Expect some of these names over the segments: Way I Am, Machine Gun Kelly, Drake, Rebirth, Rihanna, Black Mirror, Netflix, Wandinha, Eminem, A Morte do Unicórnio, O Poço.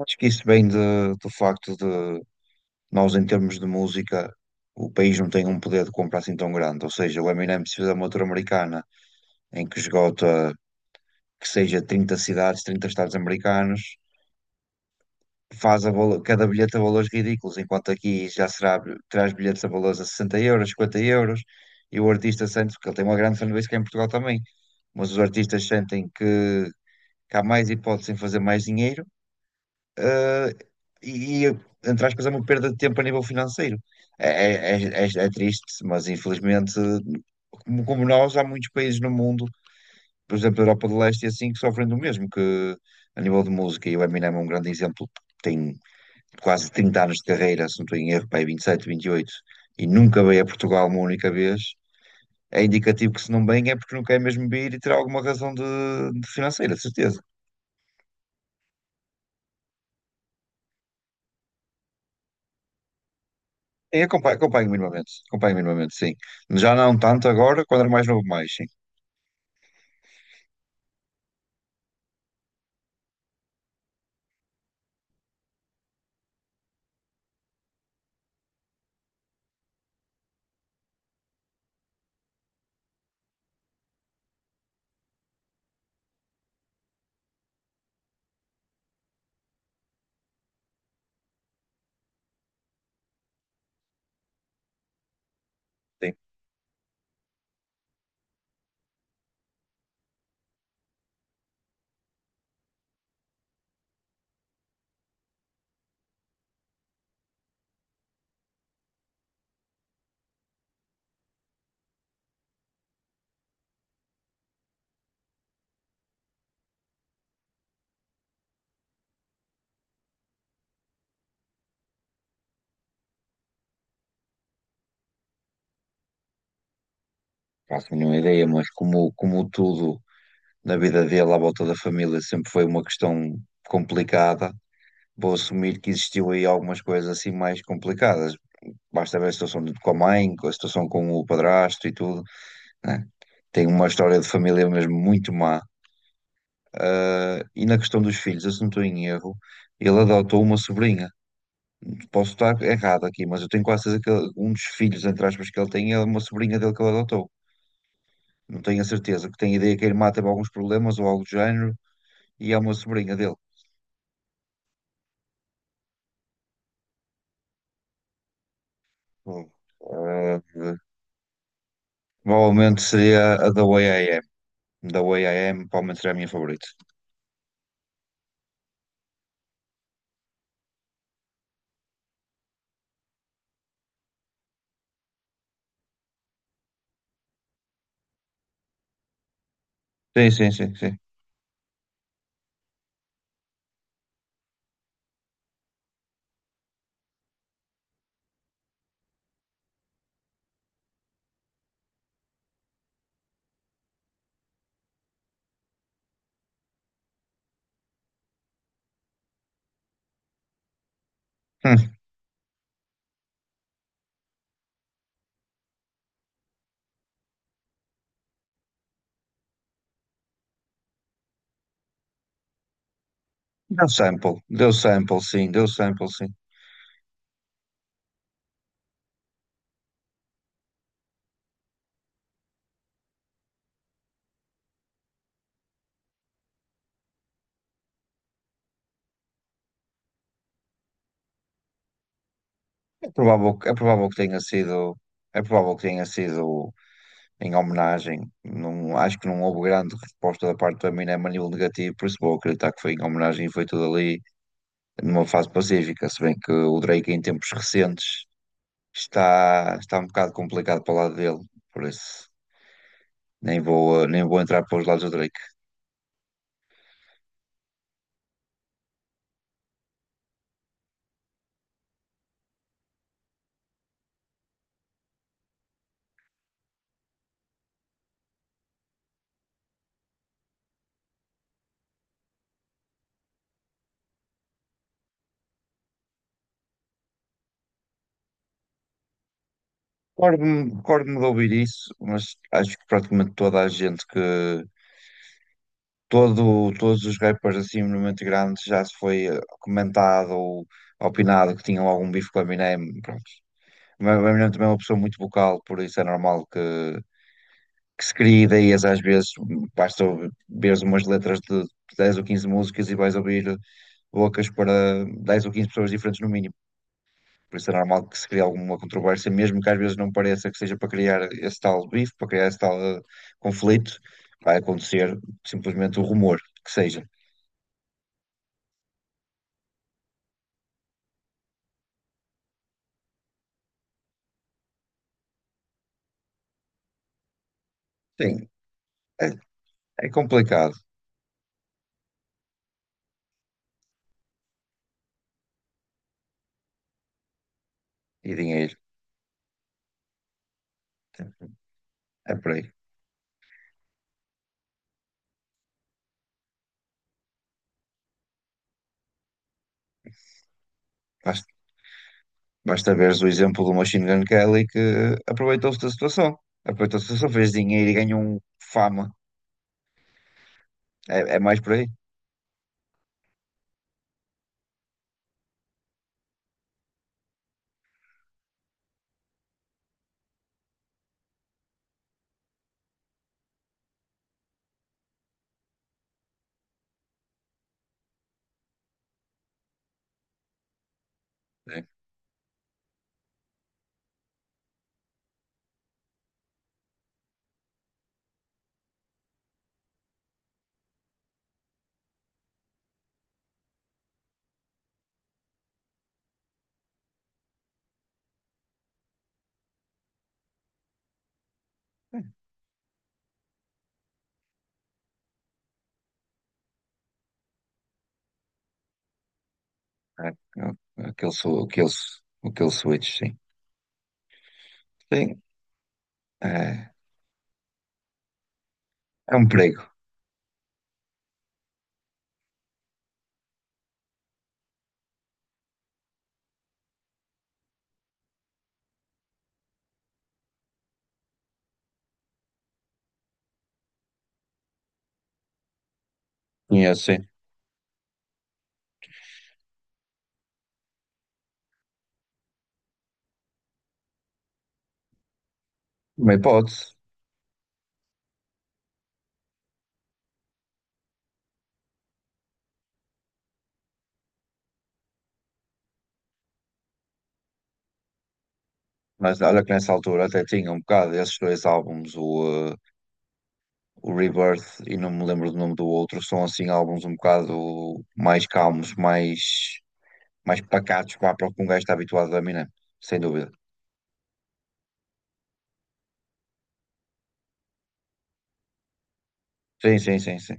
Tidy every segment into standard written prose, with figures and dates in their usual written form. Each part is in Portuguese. Acho que isso vem do facto de nós, em termos de música, o país não tem um poder de compra assim tão grande. Ou seja, o Eminem, se fizer uma tour americana em que esgota, que seja 30 cidades, 30 estados americanos, faz cada bilhete a valores ridículos, enquanto aqui já será, traz bilhetes a valores a 60 euros, 50 euros, e o artista sente, porque ele tem uma grande fanbase que é em Portugal também, mas os artistas sentem que há mais hipótese em fazer mais dinheiro eh, e, entre aspas, é uma perda de tempo a nível financeiro. É triste, mas infelizmente, como nós, há muitos países no mundo, por exemplo, a Europa de Leste e assim, que sofrem do mesmo, que a nível de música, e o Eminem é um grande exemplo, tem quase 30 anos de carreira, se não estou em erro, pá, aí 27, 28 e nunca veio a Portugal uma única vez. É indicativo que se não vem é porque não quer mesmo vir e terá alguma razão de financeira, de certeza. Sim, acompanho, acompanho minimamente, sim. Já não tanto agora, quando era mais novo, mais, sim. Sim, faço a mínima ideia, mas como tudo na vida dele, à volta da família, sempre foi uma questão complicada, vou assumir que existiu aí algumas coisas assim mais complicadas. Basta ver a situação com a mãe, com a situação com o padrasto e tudo, né? Tem uma história de família mesmo muito má. Ah, e na questão dos filhos, eu se não estou em erro, ele adotou uma sobrinha. Posso estar errado aqui, mas eu tenho quase certeza que um dos filhos, entre aspas, que ele tem é uma sobrinha dele que ele adotou. Não tenho a certeza, que tenho ideia que a irmã teve alguns problemas ou algo do género e é uma sobrinha dele. Bom, eh, provavelmente seria a da Way I Am. The Way I Am, provavelmente seria a minha favorita. Sim, sim, sim, sim. Hum, deu sample, sim, deu sample, sim. É provável que tenha sido, é provável que tenha sido em homenagem. Não, acho que não houve grande resposta da parte do Eminem a nível negativo, por isso vou acreditar que foi em homenagem e foi tudo ali numa fase pacífica. Se bem que o Drake, em tempos recentes, está um bocado complicado para o lado dele, por isso nem vou entrar para os lados do Drake. Recordo-me de ouvir isso, mas acho que praticamente toda a gente que. Todos os rappers assim muito grandes já se foi comentado ou opinado que tinham algum bife com o Eminem. O meu irmão também é uma pessoa muito vocal, por isso é normal que, se crie ideias às vezes. Basta ver umas letras de 10 ou 15 músicas e vais ouvir bocas para 10 ou 15 pessoas diferentes no mínimo. Por isso é normal que se crie alguma controvérsia, mesmo que às vezes não pareça que seja para criar esse tal bife, para criar esse tal conflito. Vai acontecer simplesmente o rumor que seja. Sim, é, é complicado. E dinheiro, é por aí. Faz Basta veres o exemplo do Machine Gun Kelly que aproveitou-se da situação. Aproveitou-se da situação, fez dinheiro e ganhou um fama. É mais por aí. Sim. É, aquele switch, sim. Sim, é, é um perigo. Conheço, sim. Uma hipótese. Mas olha que nessa altura até tinha um bocado esses dois álbuns, o Rebirth e não me lembro do nome do outro, são assim álbuns um bocado mais calmos, mais pacatos, vá, para o que um gajo está habituado a Eminem, sem dúvida. Sim, sim, sim, sim.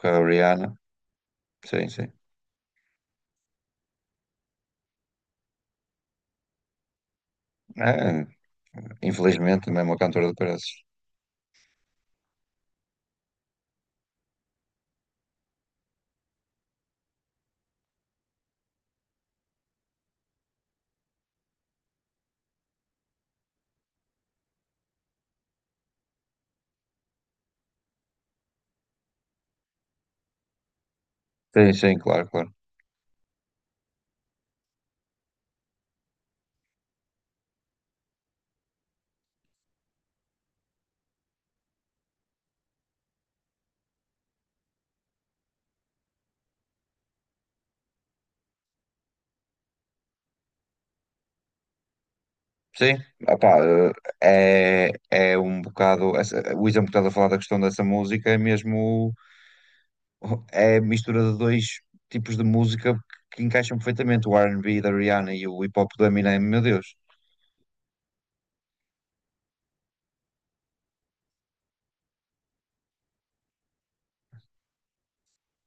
Com a Rihanna. Sim, sim. É, infelizmente, também é uma cantora de preços. Sim, sim, claro, claro. Sim, opá, é um bocado. O Isa, um bocado a falar da questão dessa música, é mesmo. É a mistura de dois tipos de música que encaixam perfeitamente: o R&B da Rihanna e o hip hop do Eminem. Meu Deus,